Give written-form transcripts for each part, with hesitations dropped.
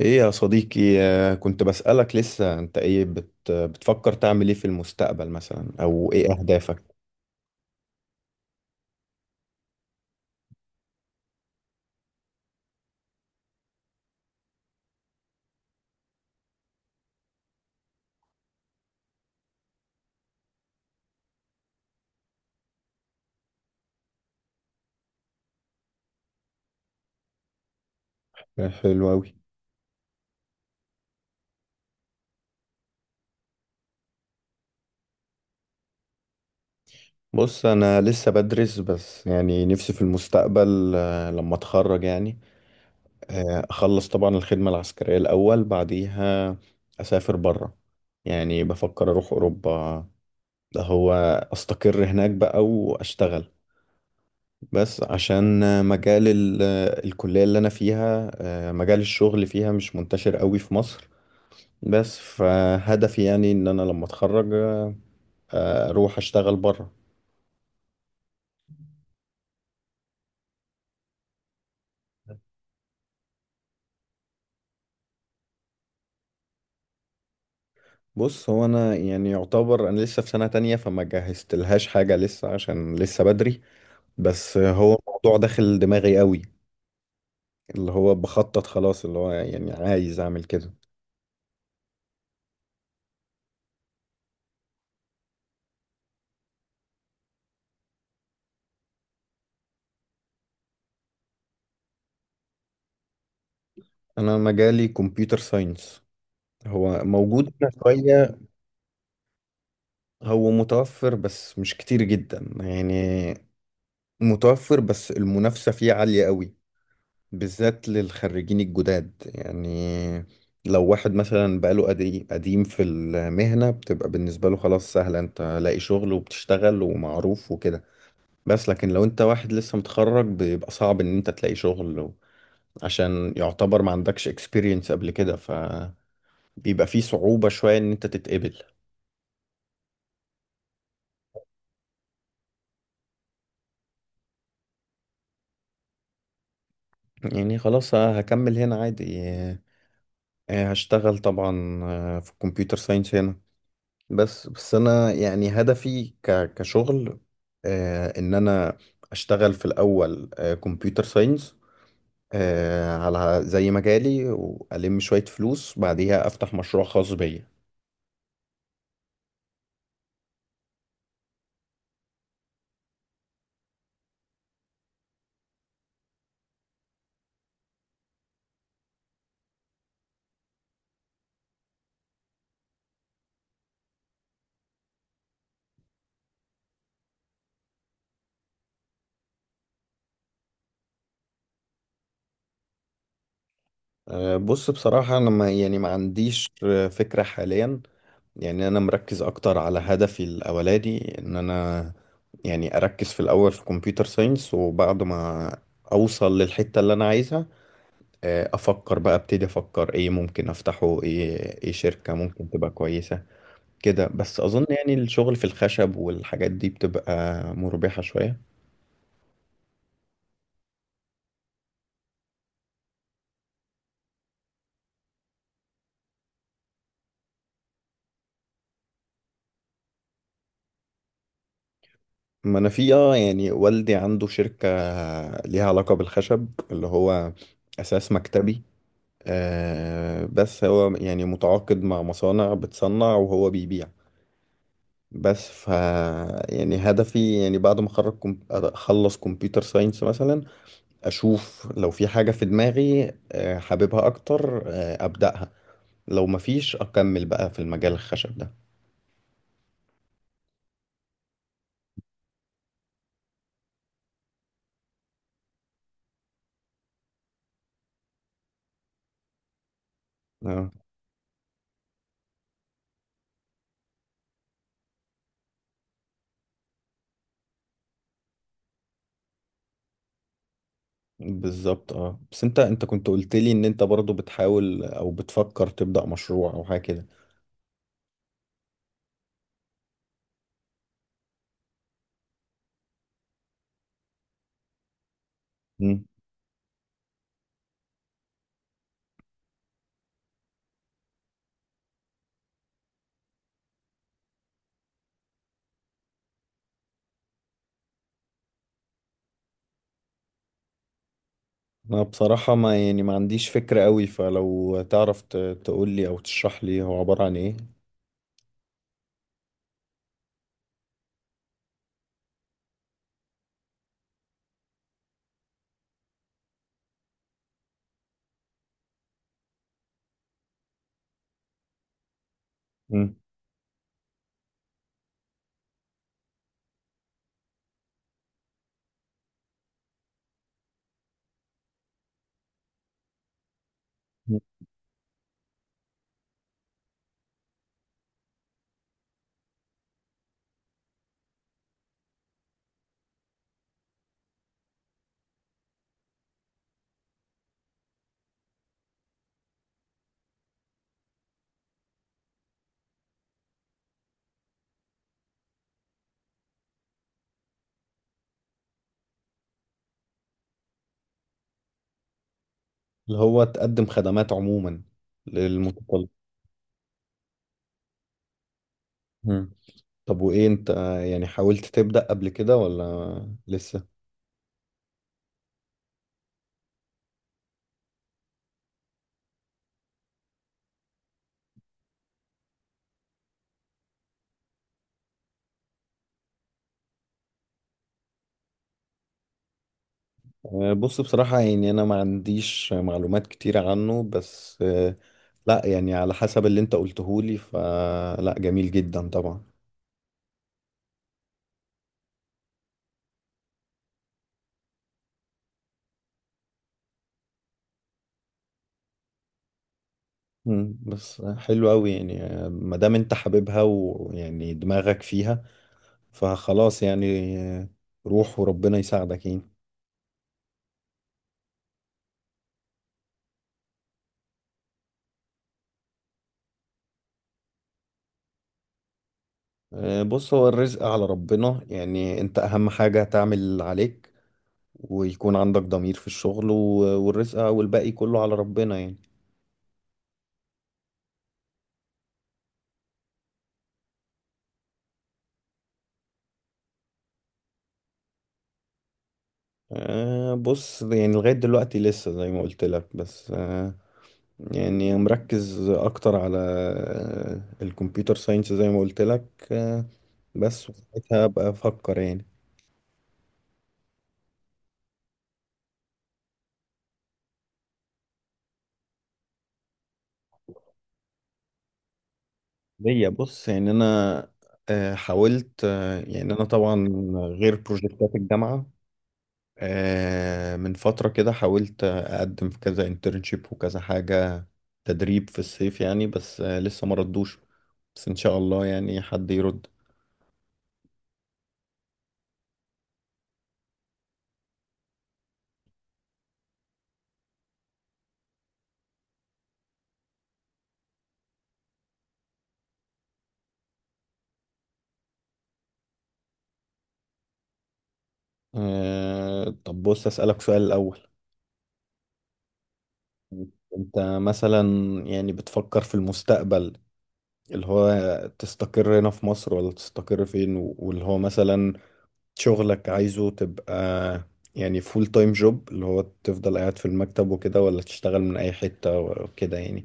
ايه يا صديقي، كنت بسألك لسه انت ايه بتفكر تعمل ايه في المستقبل مثلا او ايه اهدافك؟ حلو اوي. بص انا لسه بدرس، بس يعني نفسي في المستقبل لما اتخرج يعني. اخلص طبعا الخدمة العسكرية الاول، بعديها اسافر برا. يعني بفكر اروح اوروبا. ده هو، استقر هناك بقى واشتغل. بس عشان مجال الكلية اللي أنا فيها، مجال الشغل فيها مش منتشر قوي في مصر. بس فهدفي يعني ان انا لما اتخرج اروح اشتغل بره. بص هو انا يعني يعتبر انا لسه في سنة تانية، فما جهزتلهاش حاجة لسه عشان لسه بدري. بس هو الموضوع داخل دماغي قوي. اللي هو بخطط خلاص، اللي هو يعني عايز اعمل كده. انا مجالي كمبيوتر ساينس. هو موجود هنا شوية. هو متوفر بس مش كتير جدا يعني. متوفر، بس المنافسة فيه عالية قوي، بالذات للخريجين الجداد يعني. لو واحد مثلا بقاله قديم في المهنة بتبقى بالنسبة له خلاص سهلة، انت لاقي شغل وبتشتغل ومعروف وكده. بس لكن لو انت واحد لسه متخرج بيبقى صعب ان انت تلاقي شغل. عشان يعتبر ما عندكش experience قبل كده فبيبقى في صعوبة شوية ان انت تتقبل. يعني خلاص هكمل هنا عادي، هشتغل طبعا في الكمبيوتر ساينس هنا. بس انا يعني هدفي كشغل ان انا اشتغل في الاول كمبيوتر ساينس على زي مجالي، والم شوية فلوس بعديها افتح مشروع خاص بيا. بص بصراحة انا ما يعني ما عنديش فكرة حاليا. يعني انا مركز اكتر على هدفي الاولاني، ان انا يعني اركز في الاول في كمبيوتر ساينس، وبعد ما اوصل للحتة اللي انا عايزها افكر بقى، ابتدي افكر ايه ممكن افتحه، ايه شركة ممكن تبقى كويسة كده. بس اظن يعني الشغل في الخشب والحاجات دي بتبقى مربحة شوية. ما انا في يعني والدي عنده شركة ليها علاقة بالخشب اللي هو اساس مكتبي. بس هو يعني متعاقد مع مصانع بتصنع وهو بيبيع. بس يعني هدفي يعني بعد ما اخرج اخلص كمبيوتر ساينس مثلا. اشوف لو في حاجة في دماغي حاببها اكتر، ابدأها. لو مفيش اكمل بقى في المجال الخشب ده. اه، بالظبط، اه. بس انت كنت قلت لي ان انت برضو بتحاول او بتفكر تبدأ مشروع او حاجة كده؟ مم. انا بصراحة ما يعني ما عنديش فكرة قوي، فلو تعرف تقول لي او تشرح لي هو عبارة عن ايه؟ مم. اللي هو تقدم خدمات عموما للمتطلب. مم. طب وايه انت، يعني حاولت تبدأ قبل كده ولا لسه؟ بص بصراحة يعني أنا ما عنديش معلومات كتيرة عنه، بس لا يعني على حسب اللي أنت قلتهولي فلا جميل جدا طبعا. بس حلو أوي يعني ما دام أنت حاببها ويعني دماغك فيها، فخلاص يعني روح وربنا يساعدك يعني. بص هو الرزق على ربنا يعني. أنت أهم حاجة تعمل اللي عليك، ويكون عندك ضمير في الشغل والرزق والباقي كله على ربنا يعني. بص يعني لغاية دلوقتي لسه زي ما قلت لك، بس يعني مركز أكتر على الكمبيوتر ساينس زي ما قلت لك. أه بس وساعتها أبقى أفكر يعني. ليا، بص يعني أنا حاولت، يعني أنا طبعا غير بروجكتات الجامعة، من فترة كده حاولت أقدم في كذا انترنشيب وكذا حاجة تدريب في الصيف يعني، بس لسه ما ردوش. بس إن شاء الله يعني حد يرد. طب بص أسألك سؤال الأول. أنت مثلا يعني بتفكر في المستقبل، اللي هو تستقر هنا في مصر ولا تستقر فين؟ واللي هو مثلا شغلك عايزه تبقى يعني فول تايم جوب، اللي هو تفضل قاعد في المكتب وكده ولا تشتغل من أي حتة وكده يعني؟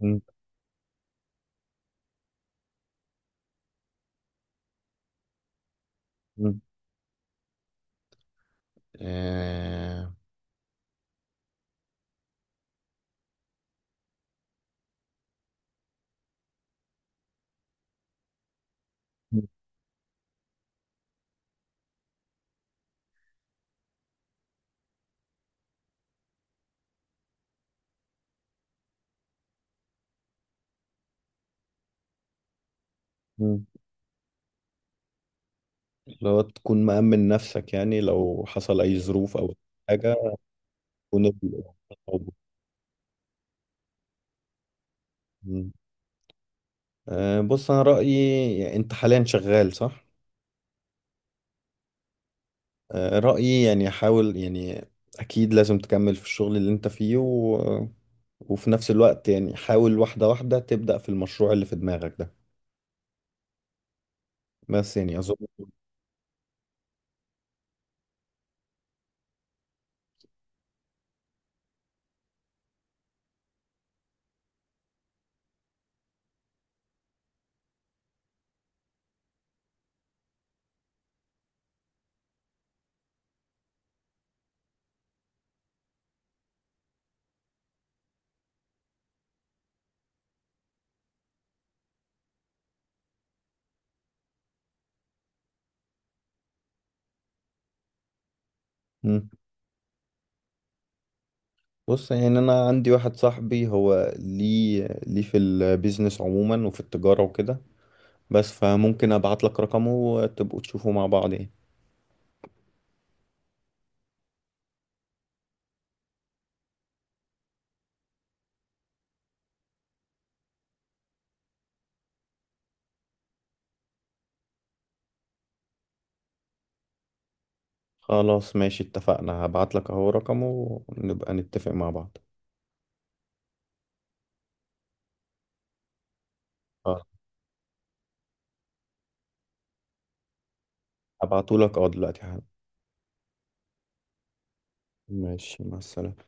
م- م. آه، م- م. اللي هو تكون مأمن نفسك يعني لو حصل أي ظروف أو حاجة. تكون موجود. بص انا رايي، يعني انت حاليا شغال صح؟ رايي يعني حاول يعني، اكيد لازم تكمل في الشغل اللي انت فيه وفي نفس الوقت يعني حاول واحده واحده تبدا في المشروع اللي في دماغك ده. بس يعني اظن. مم. بص يعني انا عندي واحد صاحبي، هو ليه في البيزنس عموما وفي التجاره وكده. بس فممكن ابعت لك رقمه وتبقوا تشوفوا مع بعض يعني. خلاص ماشي اتفقنا، هبعت لك اهو رقمه ونبقى نتفق مع بعض. هبعتهولك دلوقتي حالا. ماشي مع السلامة.